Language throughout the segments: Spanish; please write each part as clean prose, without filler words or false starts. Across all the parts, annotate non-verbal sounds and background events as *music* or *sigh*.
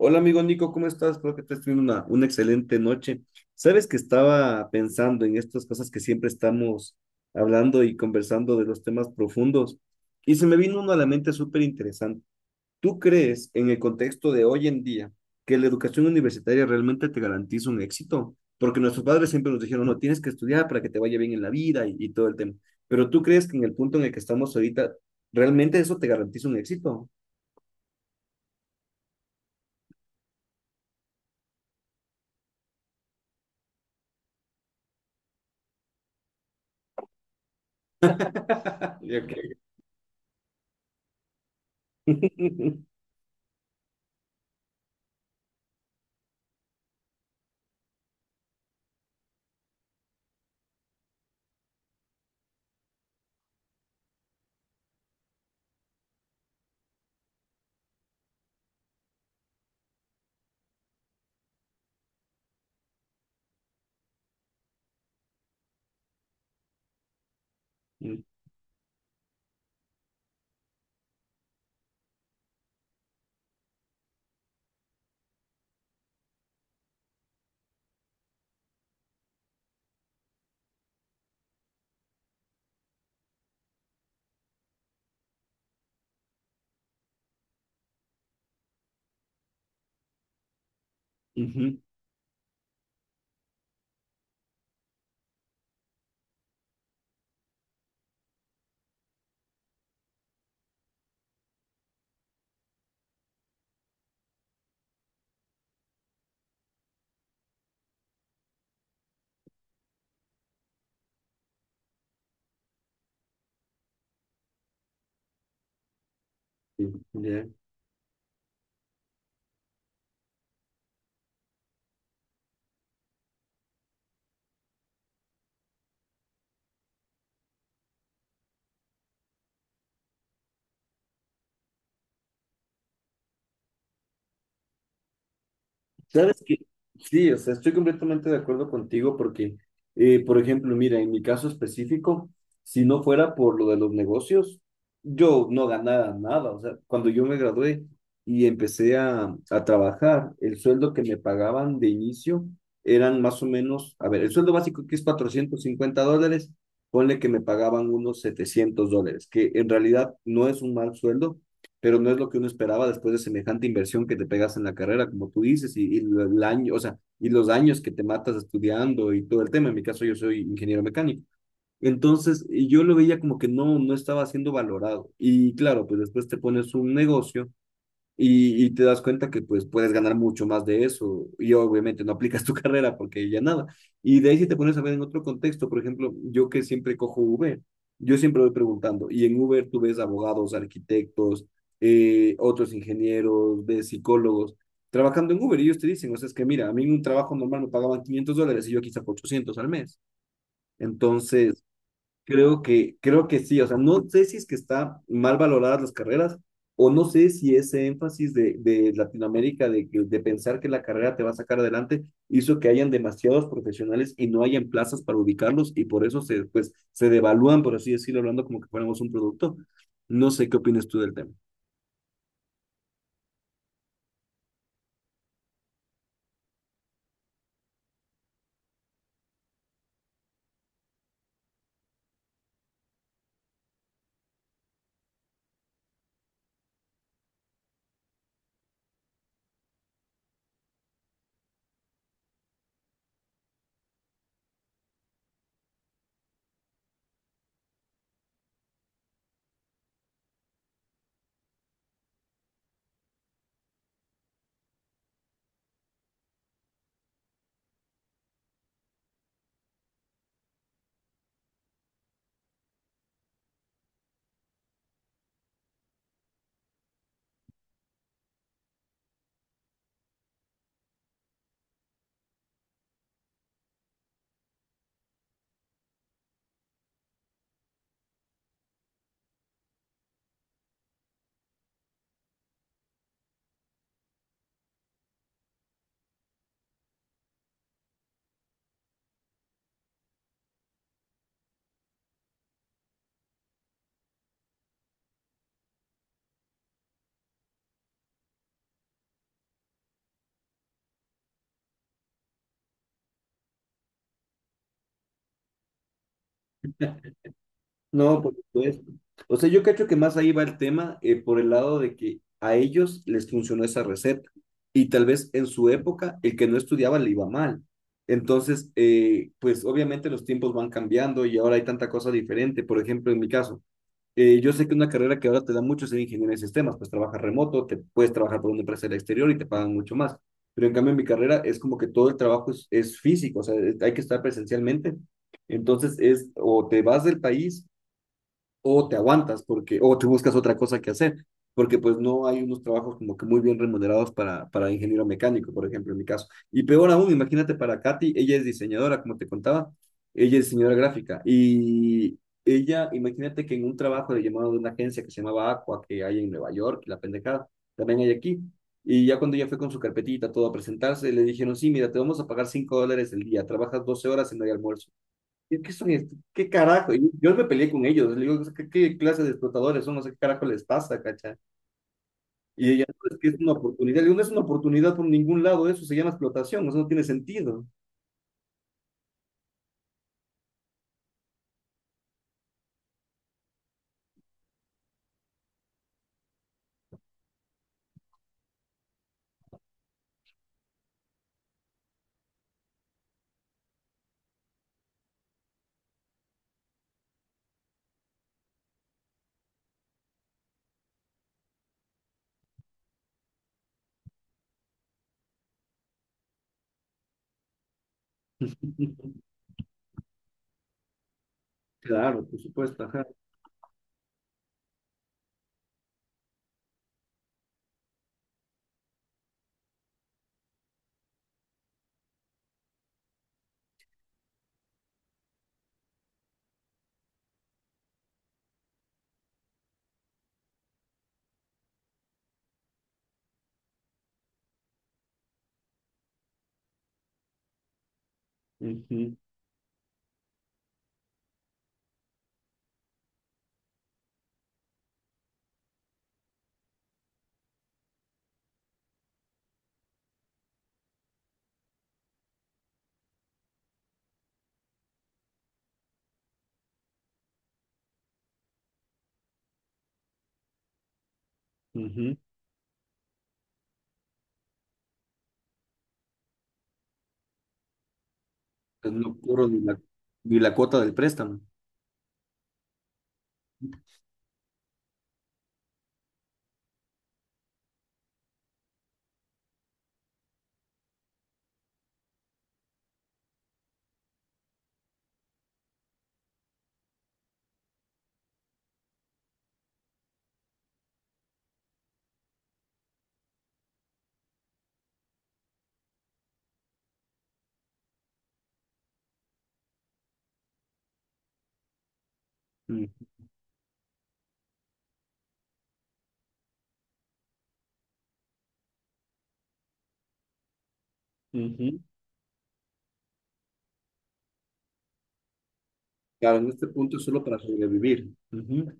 Hola amigo Nico, ¿cómo estás? Espero que estés teniendo una excelente noche. Sabes que estaba pensando en estas cosas que siempre estamos hablando y conversando de los temas profundos y se me vino uno a la mente súper interesante. ¿Tú crees en el contexto de hoy en día que la educación universitaria realmente te garantiza un éxito? Porque nuestros padres siempre nos dijeron, no, tienes que estudiar para que te vaya bien en la vida y todo el tema. Pero ¿tú crees que en el punto en el que estamos ahorita, realmente eso te garantiza un éxito? *laughs* Yo *laughs* Ujú. Sí, ya. ¿Sabes qué? Sí, o sea, estoy completamente de acuerdo contigo porque, por ejemplo, mira, en mi caso específico, si no fuera por lo de los negocios, yo no ganara nada. O sea, cuando yo me gradué y empecé a trabajar, el sueldo que me pagaban de inicio eran más o menos, a ver, el sueldo básico que es $450, ponle que me pagaban unos $700, que en realidad no es un mal sueldo pero no es lo que uno esperaba después de semejante inversión que te pegas en la carrera, como tú dices, y el año, o sea, y los años que te matas estudiando y todo el tema. En mi caso, yo soy ingeniero mecánico. Entonces, yo lo veía como que no, no estaba siendo valorado. Y claro, pues después te pones un negocio y te das cuenta que pues puedes ganar mucho más de eso y obviamente no aplicas tu *laughs* carrera porque ya nada. Y de ahí si te pones a ver en otro contexto, por ejemplo, yo que siempre cojo Uber, yo siempre voy preguntando y en Uber tú ves abogados, arquitectos, otros ingenieros, de psicólogos trabajando en Uber y ellos te dicen, o sea, es que mira, a mí en un trabajo normal me pagaban $500 y yo aquí saco 800 al mes. Entonces, creo que sí, o sea, no sé si es que está mal valoradas las carreras o no sé si ese énfasis de, Latinoamérica, de pensar que la carrera te va a sacar adelante, hizo que hayan demasiados profesionales y no hayan plazas para ubicarlos y por eso se, pues, se devalúan, por así decirlo, hablando como que fuéramos un producto. No sé qué opinas tú del tema. No, por supuesto. O sea, yo cacho que más ahí va el tema por el lado de que a ellos les funcionó esa receta y tal vez en su época el que no estudiaba le iba mal. Entonces, pues obviamente los tiempos van cambiando y ahora hay tanta cosa diferente. Por ejemplo, en mi caso, yo sé que una carrera que ahora te da mucho es en ingeniero de sistemas, pues trabajas remoto, te puedes trabajar por una empresa del exterior y te pagan mucho más. Pero en cambio en mi carrera es como que todo el trabajo es físico, o sea, hay que estar presencialmente. Entonces es o te vas del país o te aguantas porque, o te buscas otra cosa que hacer, porque pues no hay unos trabajos como que muy bien remunerados para ingeniero mecánico, por ejemplo, en mi caso. Y peor aún, imagínate para Katy, ella es diseñadora, como te contaba, ella es diseñadora gráfica y ella, imagínate que en un trabajo le llamaron de una agencia que se llamaba Aqua, que hay en Nueva York, la pendejada, también hay aquí. Y ya cuando ella fue con su carpetita, todo a presentarse, le dijeron, sí, mira, te vamos a pagar $5 el día, trabajas 12 horas y no hay almuerzo, ¿es que son estos? ¿Qué carajo? Y yo me peleé con ellos, le digo, ¿qué, qué clase de explotadores son? No sé qué carajo les pasa, cacha. Y ella, no, es que es una oportunidad. Le digo, no es una oportunidad por ningún lado, eso se llama explotación, eso no tiene sentido. *laughs* Claro, por supuesto, ajá. Ujú, ujú. Pues no cubro ni la cuota del préstamo. Mm, ujú. Claro, en este punto es solo para sobrevivir. Ujú.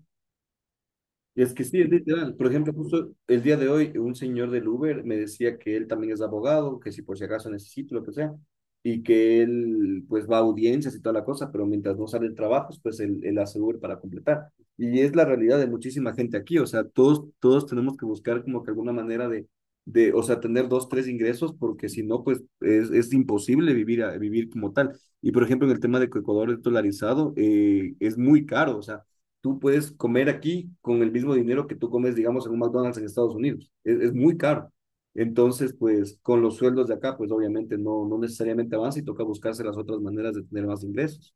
Y es que sí, es literal. Por ejemplo, justo el día de hoy, un señor del Uber me decía que él también es abogado, que si por si acaso necesito, lo que sea, y que él pues va a audiencias y toda la cosa, pero mientras no salen trabajos, pues él hace Uber para completar. Y es la realidad de muchísima gente aquí, o sea, todos, todos tenemos que buscar como que alguna manera de, o sea, tener dos, tres ingresos, porque si no, pues es imposible vivir, vivir como tal. Y por ejemplo, en el tema de que Ecuador es dolarizado, es muy caro, o sea tú puedes comer aquí con el mismo dinero que tú comes, digamos, en un McDonald's en Estados Unidos. Es muy caro. Entonces, pues con los sueldos de acá, pues obviamente no necesariamente avanza y toca buscarse las otras maneras de tener más ingresos.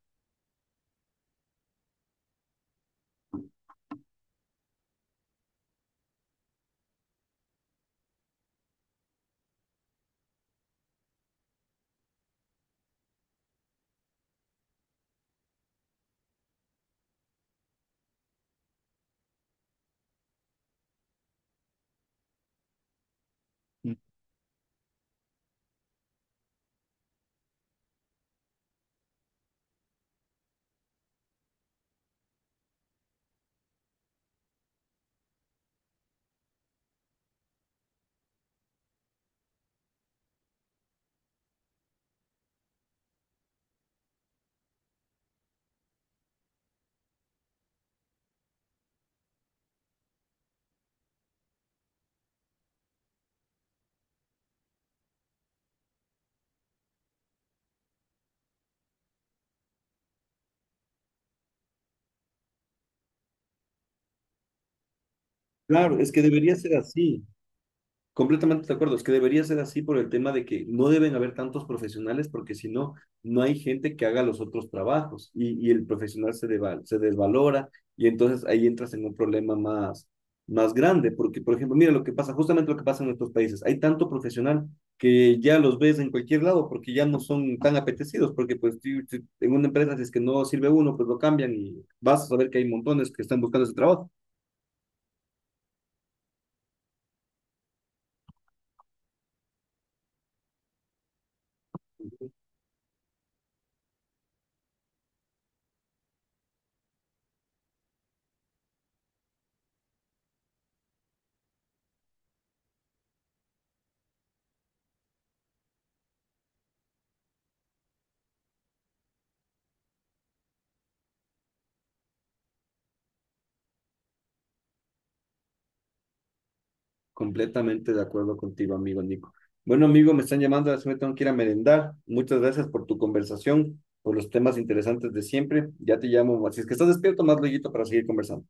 Claro, es que debería ser así. Completamente de acuerdo, es que debería ser así por el tema de que no deben haber tantos profesionales porque si no, no hay gente que haga los otros trabajos y el profesional se, se desvalora y entonces ahí entras en un problema más grande porque, por ejemplo, mira lo que pasa, justamente lo que pasa en nuestros países, hay tanto profesional que ya los ves en cualquier lado porque ya no son tan apetecidos porque pues en una empresa si es que no sirve uno, pues lo cambian y vas a saber que hay montones que están buscando ese trabajo. Completamente de acuerdo contigo, amigo Nico. Bueno, amigo, me están llamando, así me tengo que ir a merendar. Muchas gracias por tu conversación, por los temas interesantes de siempre. Ya te llamo, si es que estás despierto, más luego para seguir conversando.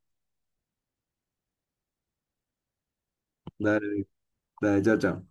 Dale, dale, chao, chao.